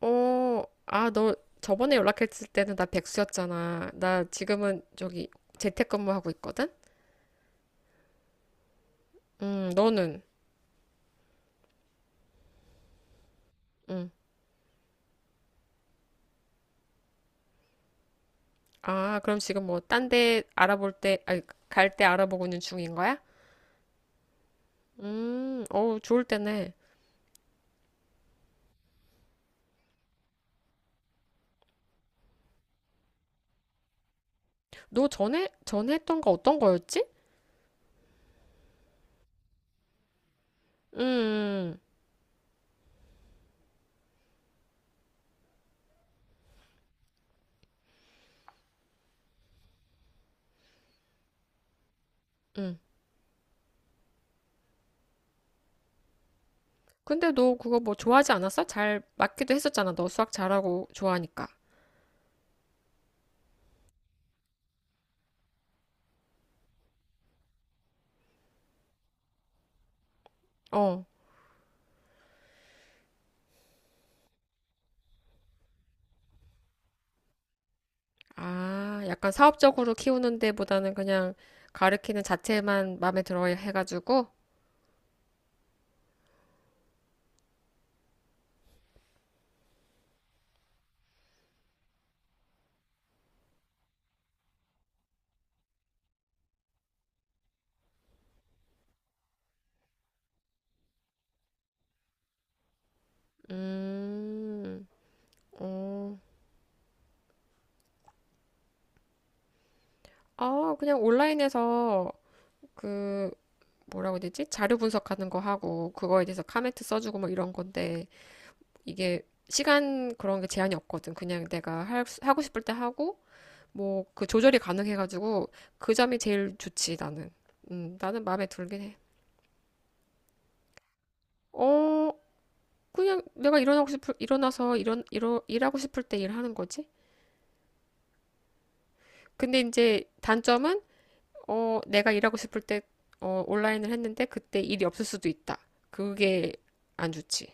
너 저번에 연락했을 때는 나 백수였잖아. 나 지금은 저기 재택근무하고 있거든? 너는? 음. 아, 그럼 지금 뭐 딴데 알아볼 때, 아니, 갈 때 알아보고 있는 중인 거야? 어우, 좋을 때네. 너 전에 했던 거 어떤 거였지? 음, 음. 근데 너 그거 뭐 좋아하지 않았어? 잘 맞기도 했었잖아. 너 수학 잘하고 좋아하니까. 어. 아, 약간 사업적으로 키우는 데보다는 그냥 가르키는 자체만 마음에 들어 해가지고, 음, 어, 아, 그냥 온라인에서 그, 뭐라고 해야 되지? 자료 분석하는 거 하고, 그거에 대해서 카멘트 써주고 뭐 이런 건데, 이게 시간 그런 게 제한이 없거든. 그냥 내가 하고 싶을 때 하고, 뭐 그 조절이 가능해가지고, 그 점이 제일 좋지, 나는. 나는 마음에 들긴 해. 어, 그냥 내가 일어나고 싶을, 일어나서 일어, 일어, 일하고 싶을 때 일하는 거지. 근데 이제 단점은, 내가 일하고 싶을 때, 온라인을 했는데 그때 일이 없을 수도 있다. 그게 안 좋지.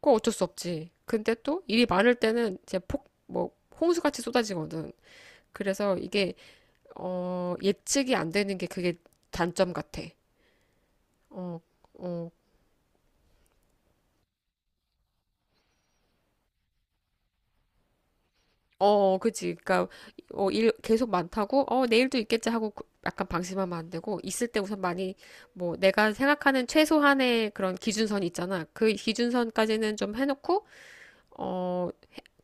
그거 어쩔 수 없지. 근데 또 일이 많을 때는 제 폭, 뭐, 홍수같이 쏟아지거든. 그래서 이게, 예측이 안 되는 게 그게 단점 같아. 어, 어, 어, 그치. 그니까, 일 계속 많다고, 내일도 있겠지 하고 약간 방심하면 안 되고, 있을 때 우선 많이, 뭐, 내가 생각하는 최소한의 그런 기준선 있잖아. 그 기준선까지는 좀 해놓고, 어,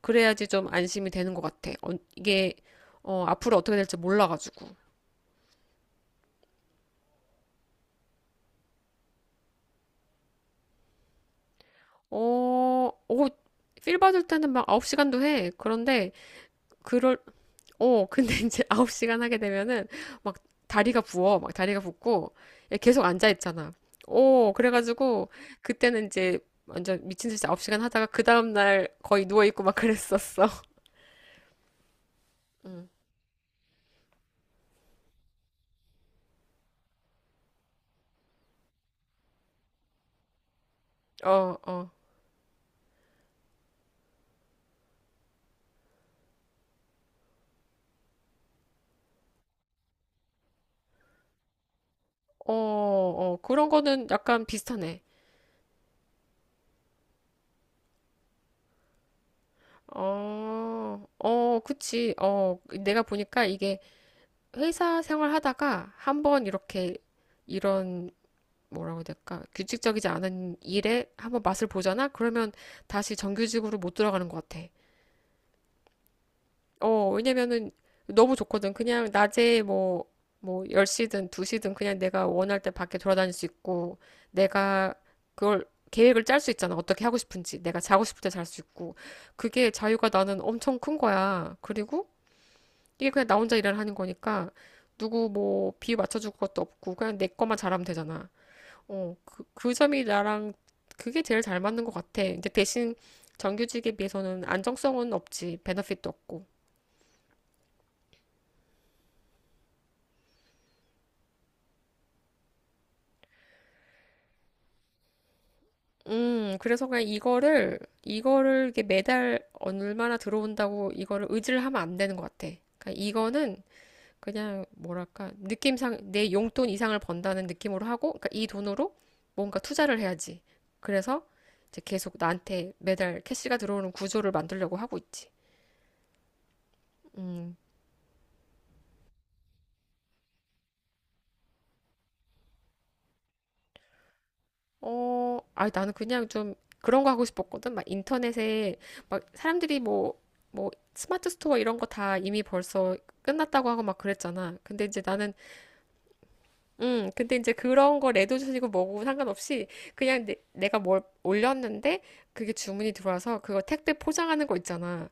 그래야지 좀 안심이 되는 것 같아. 이게, 앞으로 어떻게 될지 몰라가지고. 어, 어, 필 받을 때는 막 9시간도 해. 그럴, 근데 이제 9시간 하게 되면은 막 다리가 부어. 막 다리가 붓고 계속 앉아 있잖아. 그래가지고 그때는 이제 완전 미친 듯이 9시간 하다가 그 다음날 거의 누워있고 막 그랬었어. 음. 어, 어, 어, 어. 그런 거는 약간 비슷하네. 어, 어, 그치. 내가 보니까 이게 회사 생활 하다가 한번 이렇게 이런 뭐라고 해야 될까? 규칙적이지 않은 일에 한번 맛을 보잖아? 그러면 다시 정규직으로 못 들어가는 것 같아. 왜냐면은 너무 좋거든. 그냥 낮에 뭐, 10시든 2시든 그냥 내가 원할 때 밖에 돌아다닐 수 있고, 내가 그걸 계획을 짤 수 있잖아. 어떻게 하고 싶은지. 내가 자고 싶을 때 잘 수 있고. 그게 자유가 나는 엄청 큰 거야. 그리고 이게 그냥 나 혼자 일을 하는 거니까 누구 뭐 비위 맞춰줄 것도 없고 그냥 내 것만 잘하면 되잖아. 그 점이 나랑 그게 제일 잘 맞는 것 같아. 근데 대신 정규직에 비해서는 안정성은 없지. 베너핏도 없고. 그래서 그냥 이거를 이게 매달 얼마나 들어온다고 이거를 의지를 하면 안 되는 것 같아. 그러니까 이거는 그냥 뭐랄까, 느낌상 내 용돈 이상을 번다는 느낌으로 하고, 그러니까 이 돈으로 뭔가 투자를 해야지. 그래서 이제 계속 나한테 매달 캐시가 들어오는 구조를 만들려고 하고 있지. 음, 아니, 나는 그냥 좀 그런 거 하고 싶었거든. 막 인터넷에 막 사람들이 뭐 스마트 스토어 이런 거 다 이미 벌써 끝났다고 하고 막 그랬잖아. 근데 이제 그런 거 레드오션이고 뭐고 상관없이 그냥 내가 뭘 올렸는데 그게 주문이 들어와서 그거 택배 포장하는 거 있잖아.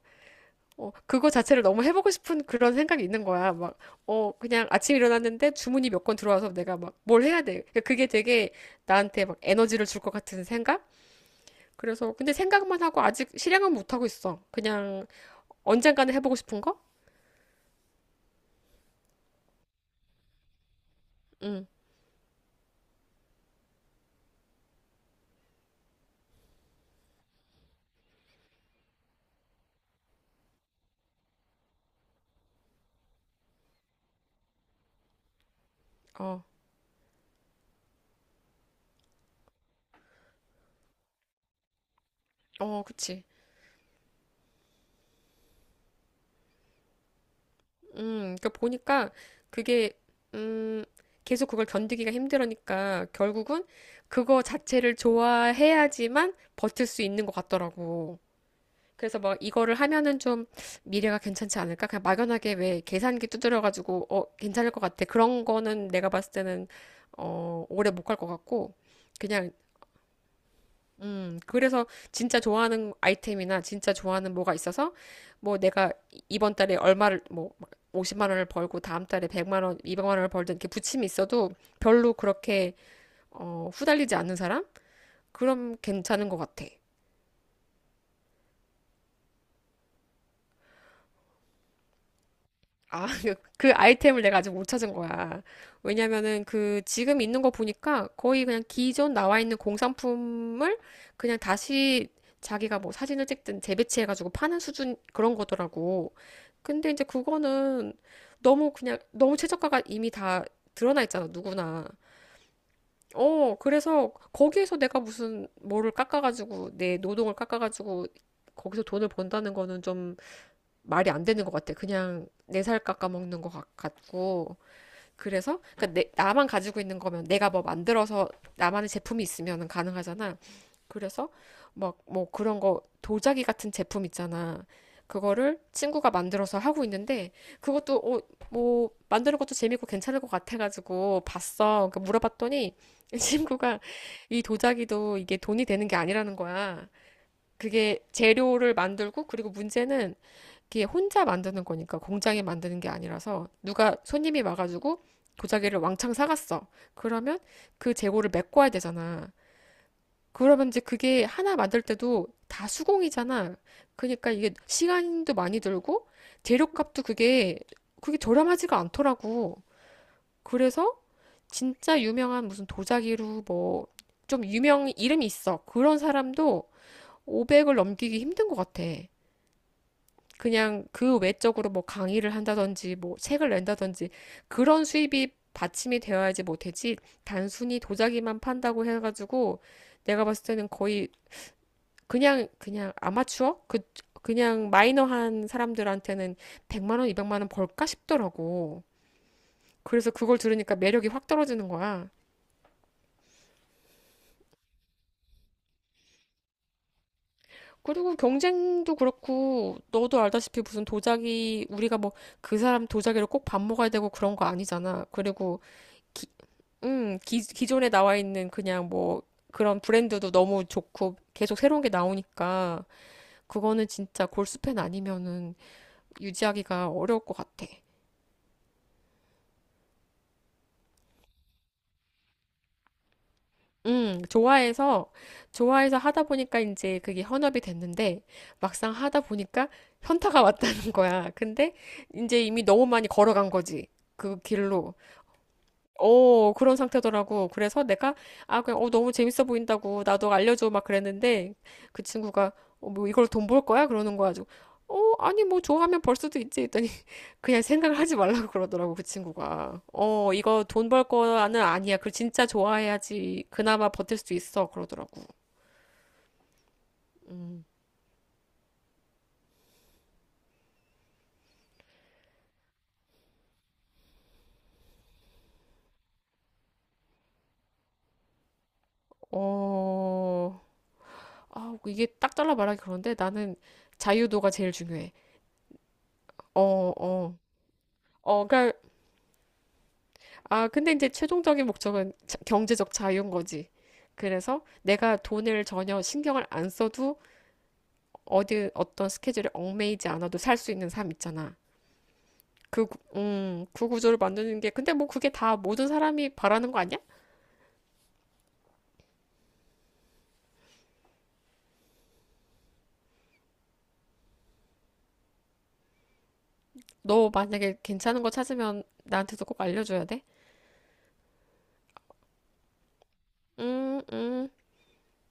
그거 자체를 너무 해보고 싶은 그런 생각이 있는 거야. 막, 그냥 아침에 일어났는데 주문이 몇 건 들어와서 내가 막 뭘 해야 돼. 그러니까 그게 되게 나한테 막 에너지를 줄 것 같은 생각? 그래서 근데 생각만 하고 아직 실행은 못 하고 있어. 그냥 언젠가는 해보고 싶은 거? 응. 어. 어, 그치. 음. 그러니까 보니까 그게 음 계속 그걸 견디기가 힘들으니까 결국은 그거 자체를 좋아해야지만 버틸 수 있는 것 같더라고. 그래서 막 이거를 하면은 좀 미래가 괜찮지 않을까? 그냥 막연하게 왜 계산기 두드려가지고 괜찮을 것 같아. 그런 거는 내가 봤을 때는 오래 못 갈 것 같고 그냥 그래서 진짜 좋아하는 아이템이나 진짜 좋아하는 뭐가 있어서 뭐 내가 이번 달에 얼마를 뭐 50만 원을 벌고 다음 달에 100만 원, 200만 원을 벌든 이렇게 부침이 있어도 별로 그렇게 후달리지 않는 사람? 그럼 괜찮은 것 같아. 아, 그 아이템을 내가 아직 못 찾은 거야. 왜냐면은 그 지금 있는 거 보니까 거의 그냥 기존 나와 있는 공산품을 그냥 다시 자기가 뭐 사진을 찍든 재배치해가지고 파는 수준 그런 거더라고. 근데 이제 그거는 너무 그냥 너무 최저가가 이미 다 드러나 있잖아, 누구나. 그래서 거기에서 내가 무슨 뭐를 깎아가지고 내 노동을 깎아가지고 거기서 돈을 번다는 거는 좀 말이 안 되는 것 같아. 그냥 내 살 깎아먹는 것 같고. 그래서, 그러니까 나만 가지고 있는 거면 내가 뭐 만들어서 나만의 제품이 있으면 가능하잖아. 그래서 막 뭐 그런 거 도자기 같은 제품 있잖아. 그거를 친구가 만들어서 하고 있는데 그것도 뭐 만드는 것도 재밌고 괜찮을 것 같아가지고 봤어. 그러니까 물어봤더니 친구가 이 도자기도 이게 돈이 되는 게 아니라는 거야. 그게 재료를 만들고 그리고 문제는 그게 혼자 만드는 거니까 공장에 만드는 게 아니라서 누가 손님이 와가지고 도자기를 왕창 사갔어. 그러면 그 재고를 메꿔야 되잖아. 그러면 이제 그게 하나 만들 때도 다 수공이잖아. 그러니까 이게 시간도 많이 들고 재료값도 그게 저렴하지가 않더라고. 그래서 진짜 유명한 무슨 도자기로 뭐 좀 유명 이름이 있어. 그런 사람도 500을 넘기기 힘든 것 같아. 그냥 그 외적으로 뭐 강의를 한다든지 뭐 책을 낸다든지 그런 수입이 받침이 되어야지 못하지 단순히 도자기만 판다고 해가지고 내가 봤을 때는 거의 그냥 아마추어 그 그냥 마이너한 사람들한테는 100만 원, 200만 원 벌까 싶더라고. 그래서 그걸 들으니까 매력이 확 떨어지는 거야. 그리고 경쟁도 그렇고 너도 알다시피 무슨 도자기 우리가 뭐 그 사람 도자기로 꼭 밥 먹어야 되고 그런 거 아니잖아. 그리고 기- 기존에 나와 있는 그냥 뭐 그런 브랜드도 너무 좋고 계속 새로운 게 나오니까 그거는 진짜 골수팬 아니면은 유지하기가 어려울 것 같아. 음, 좋아해서, 좋아해서, 하다 보니까 이제 그게 현업이 됐는데 막상 하다 보니까 현타가 왔다는 거야. 근데 이제 이미 너무 많이 걸어간 거지. 그 길로. 그런 상태더라고. 그래서 내가, 아, 그냥, 너무 재밌어 보인다고. 나도 알려줘. 막 그랬는데, 그 친구가, 뭐, 이걸 돈 벌 거야? 그러는 거야. 가지고, 아니, 뭐, 좋아하면 벌 수도 있지. 했더니, 그냥 생각을 하지 말라고 그러더라고, 그 친구가. 어, 이거 돈 벌 거는 아니야. 그 진짜 좋아해야지. 그나마 버틸 수 있어. 그러더라고. 어, 이게 딱 잘라 말하기 그런데 나는 자유도가 제일 중요해. 어, 어. 그러니까 근데 이제 최종적인 목적은 경제적 자유인 거지. 그래서 내가 돈을 전혀 신경을 안 써도 어디 어떤 스케줄에 얽매이지 않아도 살 수 있는 삶 있잖아. 그 구조를 만드는 게, 근데 뭐 그게 다 모든 사람이 바라는 거 아니야? 너 만약에 괜찮은 거 찾으면 나한테도 꼭 알려줘야 돼? 음, 음.